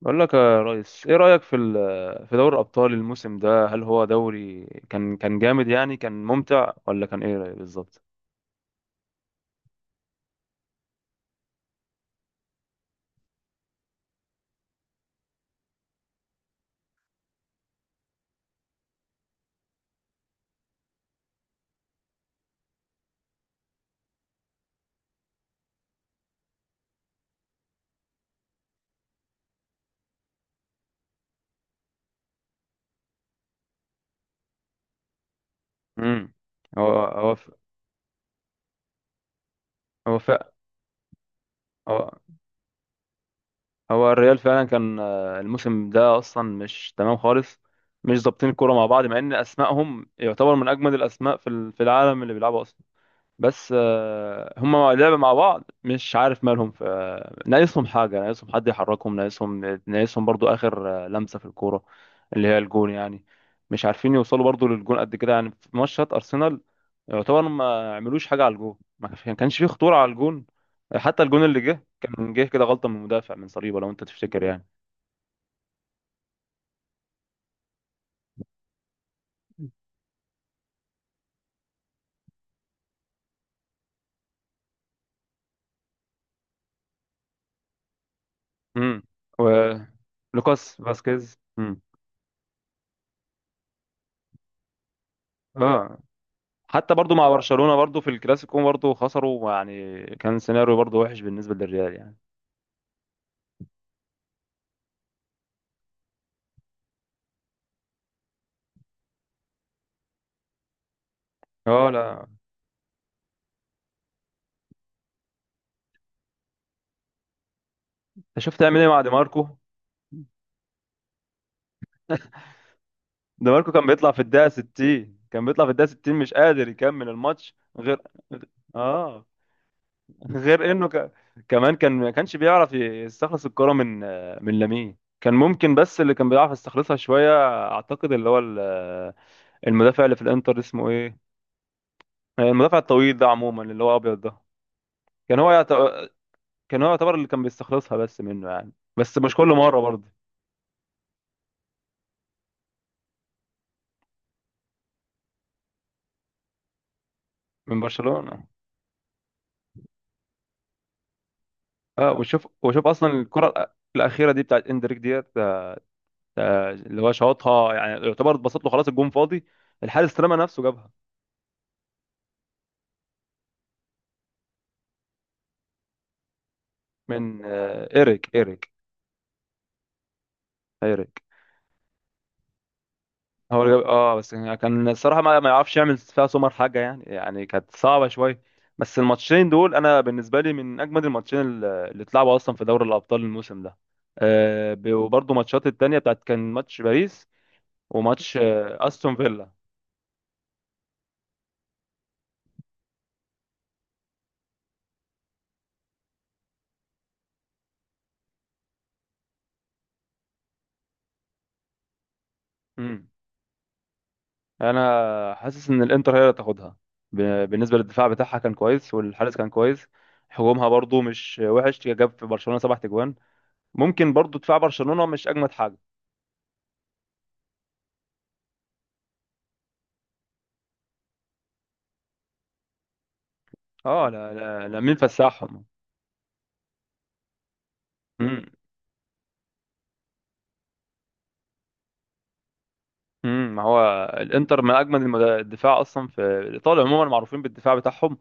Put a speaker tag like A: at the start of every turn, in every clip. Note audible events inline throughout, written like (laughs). A: بقول لك يا ريس، ايه رأيك في دوري الابطال الموسم ده؟ هل هو دوري كان جامد، يعني كان ممتع، ولا كان ايه رأيك بالظبط؟ امم هو هو ف- هو ف- هو هو الريال فعلا كان، الموسم ده اصلا مش تمام خالص. مش ظابطين الكوره مع بعض، مع ان اسمائهم يعتبر من اجمد الاسماء في العالم اللي بيلعبوا اصلا. بس هما لعبوا مع بعض، مش عارف مالهم. ناقصهم حاجة، ناقصهم حد يحركهم، ناقصهم برضو آخر لمسة في الكورة، اللي هي الجون يعني. مش عارفين يوصلوا برضو للجون قد كده، يعني في ماتشات أرسنال يعتبر ما عملوش حاجة على الجون، ما كانش فيه خطورة على الجون. حتى الجون اللي جه كان جه كده غلطة من المدافع، من صليبة، لو أنت تفتكر يعني. امم و لوكاس فاسكيز. اه، حتى برضو مع برشلونة برضو في الكلاسيكو برضو خسروا، يعني كان سيناريو برضو وحش بالنسبة للريال يعني. اه لا، انت شفت عامل ايه مع دي ماركو؟ دي ماركو كان بيطلع في الدقيقة 60، كان بيطلع في الدقيقة 60، مش قادر يكمل الماتش. غير اه غير كمان كان ما كانش بيعرف يستخلص الكرة من لامين. كان ممكن، بس اللي كان بيعرف يستخلصها شوية، اعتقد اللي هو المدافع اللي في الانتر، اسمه ايه، المدافع الطويل ده، عموما اللي هو ابيض ده، كان هو يعت... كان هو يعتبر اللي كان بيستخلصها بس منه يعني، بس مش كل مره برضه. من برشلونه، اه. وشوف اصلا الكره الاخيره دي بتاعت اندريك ديت، اللي هو شاطها، يعني يعتبر اتبسط له، خلاص الجون فاضي، الحارس رمى نفسه جابها. من ايريك هو اللي جاب. اه، بس يعني كان الصراحه ما يعرفش يعمل فيها سومر حاجه يعني، يعني كانت صعبه شويه. بس الماتشين دول انا بالنسبه لي من اجمد الماتشين اللي اتلعبوا اصلا في دوري الابطال الموسم ده. وبرضه ماتشات التانية بتاعت كان ماتش باريس، وماتش استون فيلا. امم انا حاسس ان الانتر هي اللي تاخدها. بالنسبه للدفاع بتاعها كان كويس، والحارس كان كويس. هجومها برضو مش وحش، جاب في برشلونه سبع تجوان. ممكن برضو دفاع برشلونه مش اجمد حاجه. اه لا لا لا، مين فسحهم. امم ما هو الانتر من اجمد الدفاع اصلا في ايطاليا، عموما معروفين بالدفاع بتاعهم.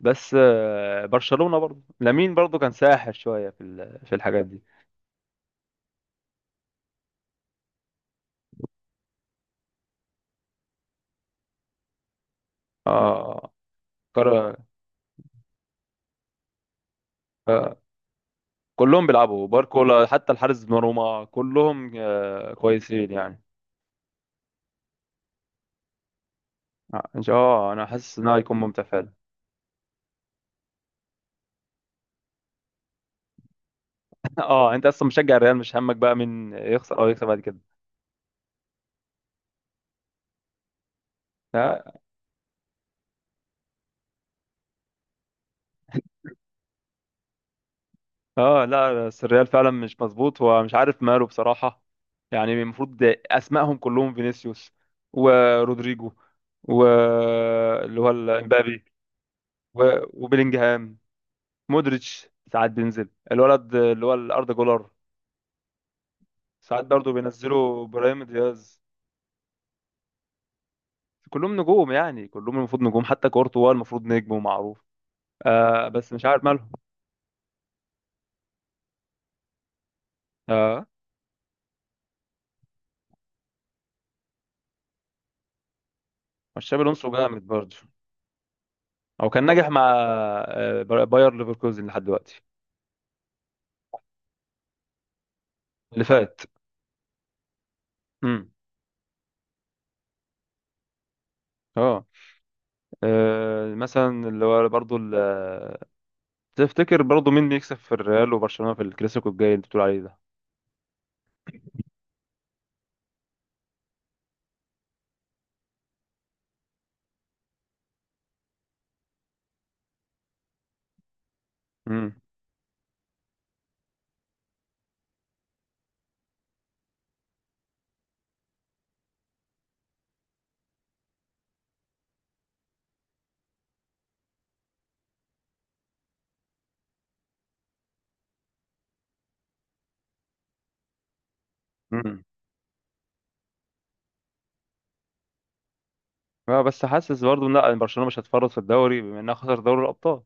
A: بس برشلونه برضو، لامين برضو كان ساحر شويه في الحاجات دي. اه، قرر. آه. كلهم بيلعبوا باركولا، حتى الحارس دوناروما كلهم كويسين يعني. ان شاء الله، انا حاسس ان هو هيكون ممتع فعلا. (laughs) اه، انت اصلا مشجع الريال، مش همك بقى من يخسر او يكسب بعد كده. لا، اه لا، بس الريال فعلا مش مظبوط، ومش عارف ماله بصراحة. يعني المفروض اسمائهم كلهم: فينيسيوس، ورودريجو، و اللي هو امبابي، وبيلينجهام، مودريتش، ساعات بينزل الولد اللي هو الاردا جولر، ساعات برضه بينزلوا ابراهيم دياز. كلهم نجوم يعني، كلهم المفروض نجوم، حتى كورتوا المفروض نجم ومعروف. بس مش عارف مالهم. اه، مش شابي الونسو جامد برضه؟ هو كان ناجح مع باير ليفركوزن لحد دلوقتي، اللي فات. امم اه مثلا اللي هو برضه تفتكر برضه مين بيكسب في الريال وبرشلونة في الكلاسيكو الجاي اللي انت بتقول عليه ده؟ امم امم اه بس حاسس برضه، إن لا، برشلونة مش هتفرط في الدوري، بما انها خسر دوري الابطال.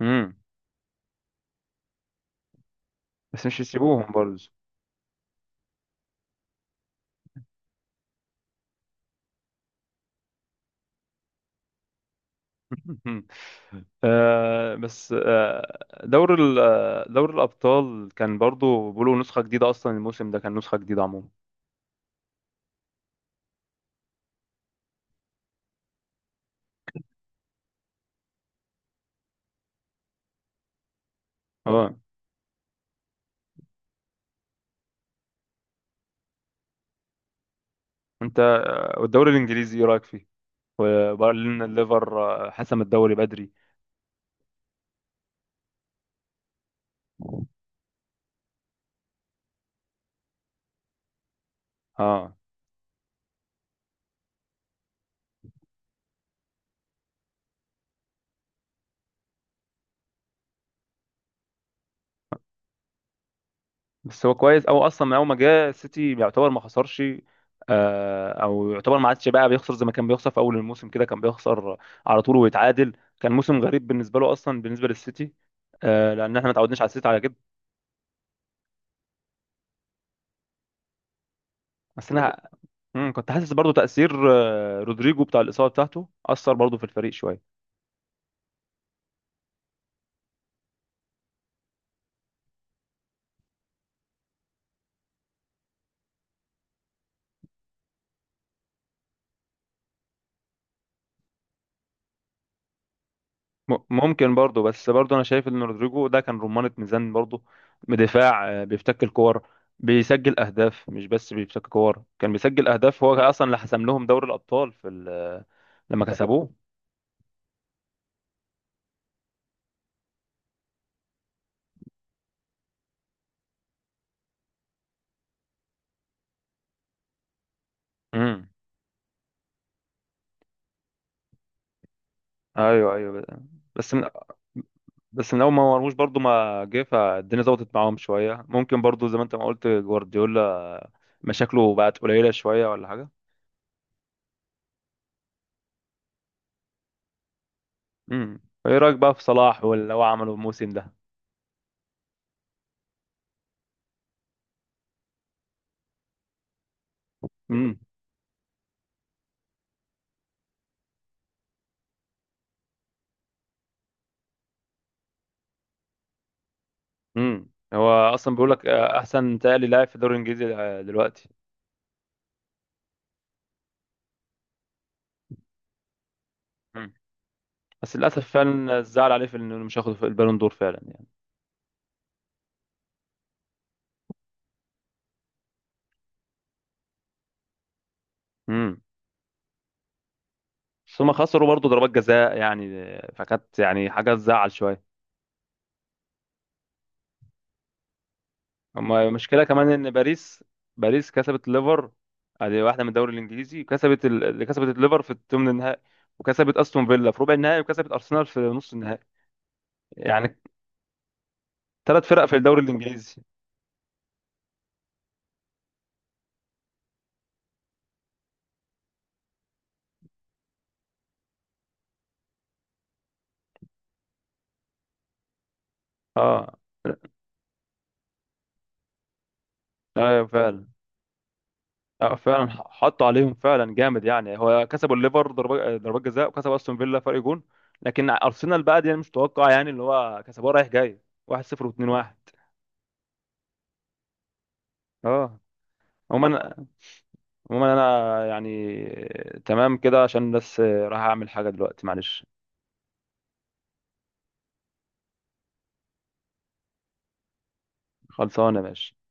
A: امم بس مش يسيبوهم برضه. (laughs) بس دور ال آه، دور الأبطال كان برضو بيقولوا نسخة جديدة، أصلا الموسم ده كان نسخة جديدة عموما. اه، أنت، والدوري الإنجليزي إيه رأيك فيه؟ وبرلين الليفر، حسم الدوري بدري. اه، بس هو كويس، أو أصلا من أول ما جه السيتي يعتبر ما خسرش، أو يعتبر ما عادش بقى بيخسر زي ما كان بيخسر في أول الموسم كده، كان بيخسر على طول ويتعادل. كان موسم غريب بالنسبة له أصلا، بالنسبة للسيتي. لأن احنا ما تعودناش على السيتي على كده. بس أنا كنت حاسس برضو تأثير رودريجو، بتاع الإصابة بتاعته، أثر برضو في الفريق شوية. ممكن برضو، بس برضو أنا شايف إن رودريجو ده كان رمانة ميزان برضو، بدفاع، بيفتك الكور، بيسجل أهداف، مش بس بيفتك كور، كان بيسجل أهداف. هو أصلا اللي حسم لهم دوري الأبطال في ال- آه، لما (laughs) كسبوه. مم. أيوه أيوه. بس من بس من اول ما مرموش برضو ما جه، فالدنيا ظبطت معاهم شويه. ممكن برضو زي ما انت ما قلت، جوارديولا مشاكله بقت قليله شويه ولا حاجه. امم ايه رايك بقى في صلاح واللي هو عمله الموسم ده؟ امم هو اصلا بيقول لك احسن تالي لاعب في الدوري الانجليزي دلوقتي. امم بس للاسف فعلا، الزعل عليه في انه مش هياخد في البالون دور فعلا يعني. امم بس هما خسروا برضه ضربات جزاء يعني، فكانت يعني حاجه تزعل شويه. اما المشكله كمان ان باريس كسبت الليفر، ادي واحده من الدوري الانجليزي، كسبت اللي كسبت الليفر في الثمن النهائي، وكسبت استون فيلا في ربع النهائي، وكسبت ارسنال في نص النهائي، يعني ثلاث فرق في الدوري الانجليزي. اه ايوه فعلا، اه فعلا حطوا عليهم فعلا جامد يعني. هو كسبوا الليفر ضربات جزاء، وكسب استون فيلا فرق جون. لكن ارسنال بقى دي أنا مش متوقع، يعني اللي هو كسبوها رايح جاي، 1-0 و2-1. اه، عموما عموما انا يعني تمام كده، عشان بس راح اعمل حاجه دلوقتي، معلش. خلصانه يا باشا.